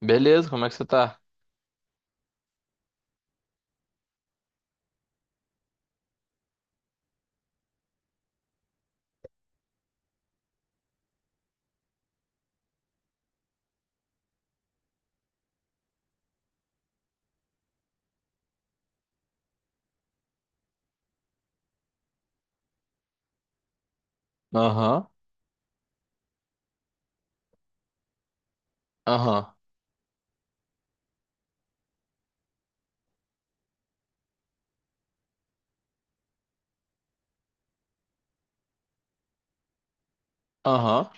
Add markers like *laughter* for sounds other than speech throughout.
Beleza, como é que você tá? Aham, aham, aham,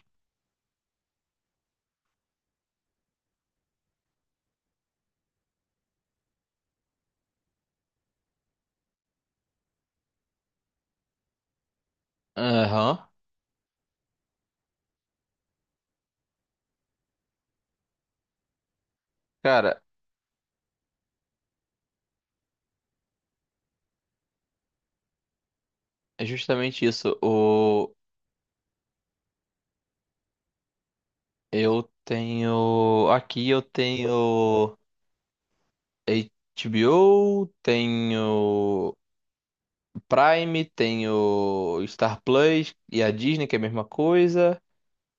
aham. Cara, é justamente isso. Eu tenho. Aqui eu tenho HBO, tenho Prime, tenho Star Plus e a Disney, que é a mesma coisa.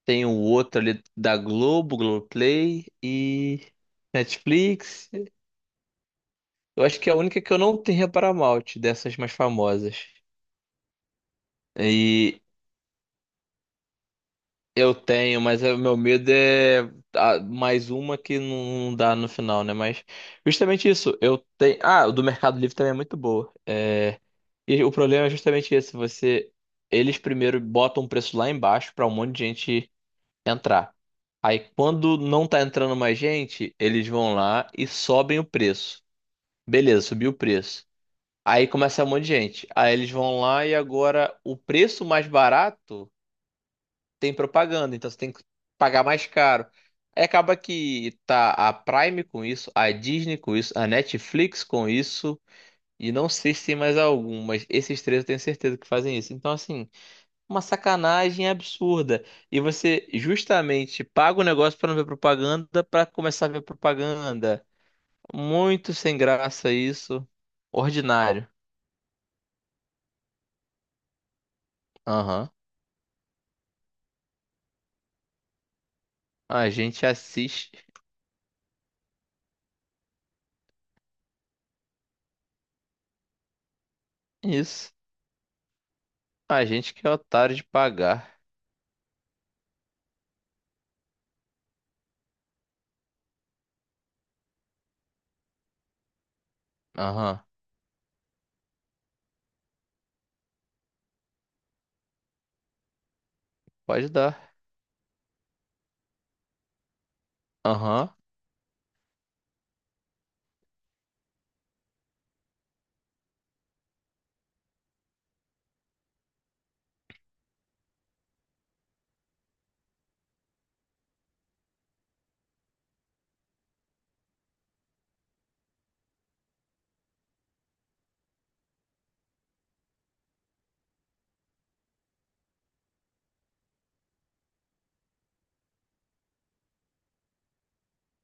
Tenho o outro ali da Globo, Globoplay e Netflix. Eu acho que é a única que eu não tenho é a Paramount, dessas mais famosas. E Eu tenho, mas o meu medo é mais uma que não dá no final, né? Mas justamente isso, eu tenho. Ah, o do Mercado Livre também é muito boa. E o problema é justamente esse, você. Eles primeiro botam o preço lá embaixo pra um monte de gente entrar. Aí quando não tá entrando mais gente, eles vão lá e sobem o preço. Beleza, subiu o preço. Aí começa um monte de gente. Aí eles vão lá e agora o preço mais barato tem propaganda, então você tem que pagar mais caro. Aí acaba que tá a Prime com isso, a Disney com isso, a Netflix com isso, e não sei se tem mais algum, mas esses três eu tenho certeza que fazem isso. Então, assim, uma sacanagem absurda. E você justamente paga o negócio pra não ver propaganda, pra começar a ver propaganda. Muito sem graça isso. Ordinário. Aham. A gente assiste isso. A gente que é otário de pagar. Aham. Pode dar. Aham.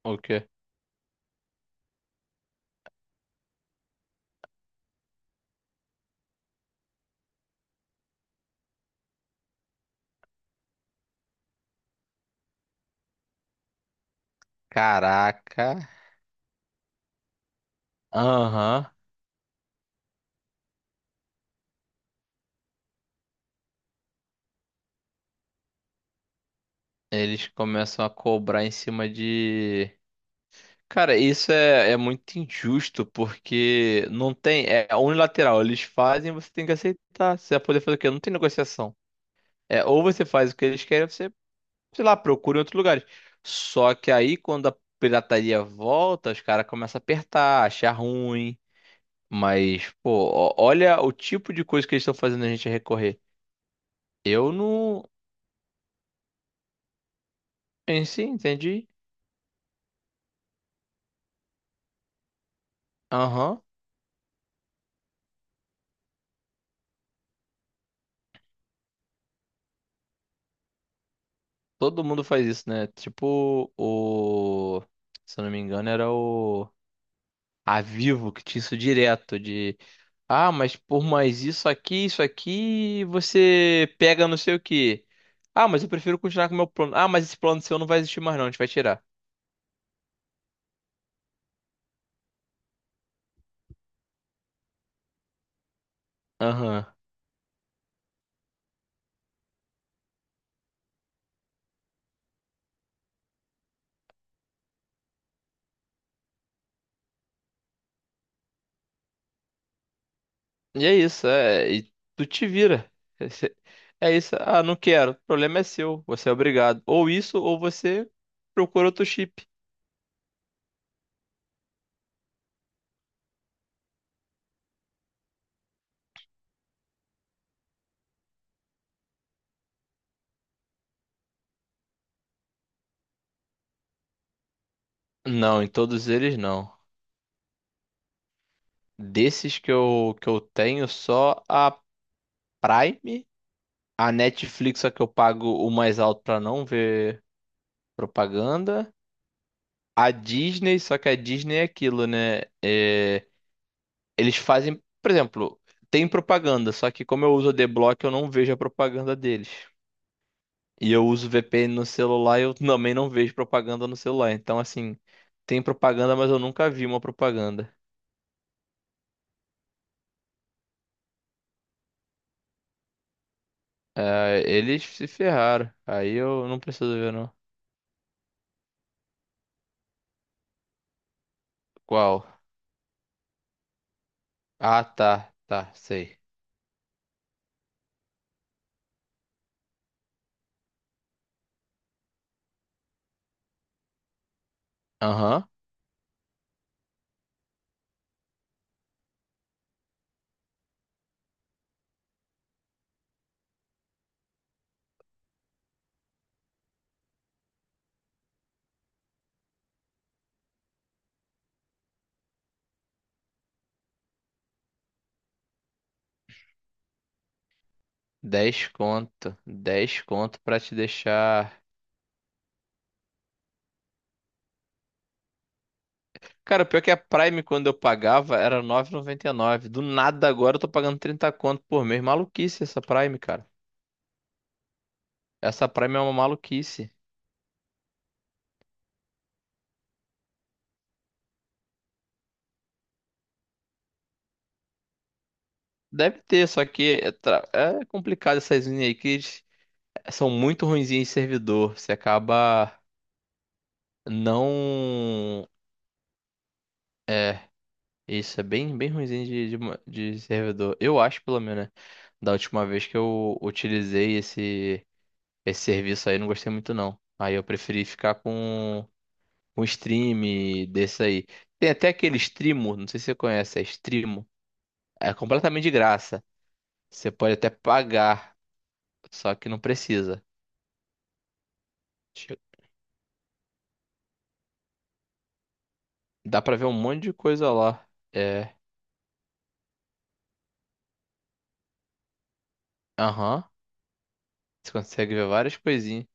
O quê? Caraca. Aham. Eles começam a cobrar em cima de. Cara, isso é, é muito injusto, porque não tem. É unilateral. Eles fazem, você tem que aceitar. Você vai poder fazer o quê? Não tem negociação. É, ou você faz o que eles querem, ou você, sei lá, procura em outros lugares. Só que aí, quando a pirataria volta, os caras começam a apertar, achar ruim. Mas, pô, olha o tipo de coisa que eles estão fazendo a gente recorrer. Eu não. sim si, entendi. Aham. Todo mundo faz isso, né? Tipo o. Se eu não me engano, era o. A Vivo que tinha isso direto de. Ah, mas por mais isso aqui, você pega não sei o quê. Ah, mas eu prefiro continuar com o meu plano. Ah, mas esse plano seu não vai existir mais, não. A gente vai tirar. Aham. E é isso, é. E tu te vira. *laughs* Esse- É isso. Ah, não quero. O problema é seu. Você é obrigado. Ou isso, ou você procura outro chip. Não, em todos eles não. Desses que eu que eu tenho, só a Prime, a Netflix, só que eu pago o mais alto pra não ver propaganda. A Disney, só que a Disney é aquilo, né? É, eles fazem, por exemplo, tem propaganda, só que como eu uso o D-Block eu não vejo a propaganda deles. E eu uso VPN no celular, eu também não vejo propaganda no celular. Então, assim, tem propaganda, mas eu nunca vi uma propaganda. É, eles se ferraram. Aí eu não preciso ver, não. Qual? Ah, tá, tá, sei. Aham. Dez conto. Dez conto pra te deixar. Cara, pior que a Prime, quando eu pagava, era 9,99. Do nada agora eu tô pagando 30 conto por mês. Maluquice essa Prime, cara. Essa Prime é uma maluquice. Deve ter, só que é complicado essas linhas aí que eles são muito ruinzinhas em servidor. Você acaba não. Isso é bem, bem ruinzinho de servidor. Eu acho, pelo menos, né? Da última vez que eu utilizei esse serviço aí, eu não gostei muito, não. Aí eu preferi ficar com um stream desse aí. Tem até aquele streamo, não sei se você conhece, é Strimo. É completamente de graça. Você pode até pagar, só que não precisa. Che- Dá pra ver um monte de coisa lá. É, aham. Você consegue ver várias coisinhas.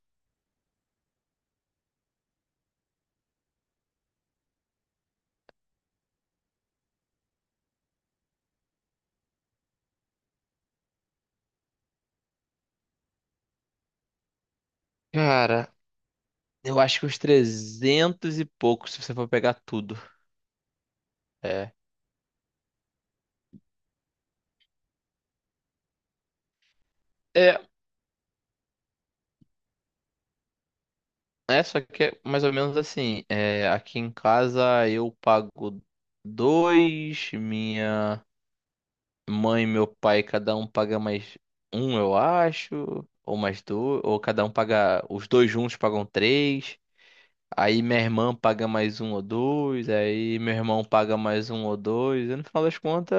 Cara, eu acho que uns 300 e pouco, se você for pegar tudo. É. É, só que é mais ou menos assim. É, aqui em casa eu pago dois, minha mãe e meu pai, cada um paga mais um, eu acho, ou mais dois, ou cada um paga, os dois juntos pagam três. Aí minha irmã paga mais um ou dois, aí meu irmão paga mais um ou dois. E no final das contas,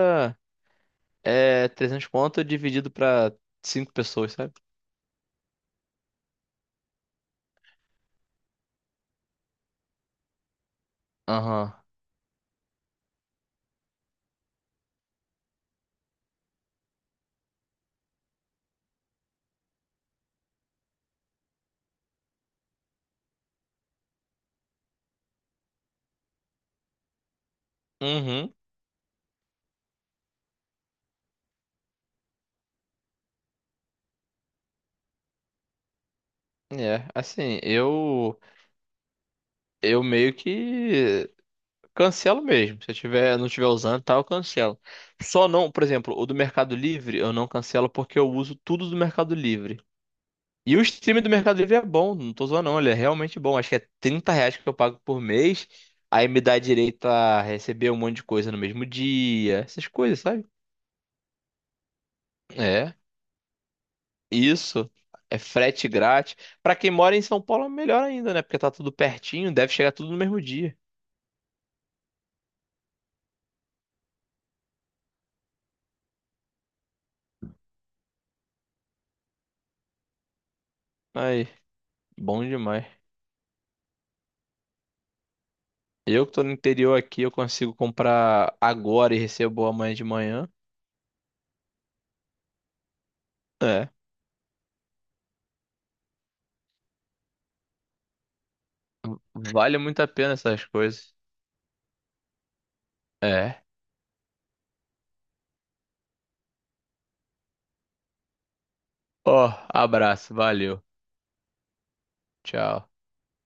é 300 conto dividido pra 5 pessoas, sabe? Aham. Uhum. É, assim, eu. Eu meio que cancelo mesmo. Se eu tiver, não estiver usando, e tal, eu cancelo. Só não, por exemplo, o do Mercado Livre, eu não cancelo porque eu uso tudo do Mercado Livre. E o stream do Mercado Livre é bom, não tô zoando não, ele é realmente bom. Acho que é 30 reais que eu pago por mês, aí me dá direito a receber um monte de coisa no mesmo dia, essas coisas, sabe? É, isso. É frete grátis. Pra quem mora em São Paulo, é melhor ainda, né? Porque tá tudo pertinho, deve chegar tudo no mesmo dia. Aí, bom demais. Eu que tô no interior aqui, eu consigo comprar agora e recebo amanhã de manhã. É. Vale muito a pena essas coisas. É. Ó, abraço, valeu. Tchau.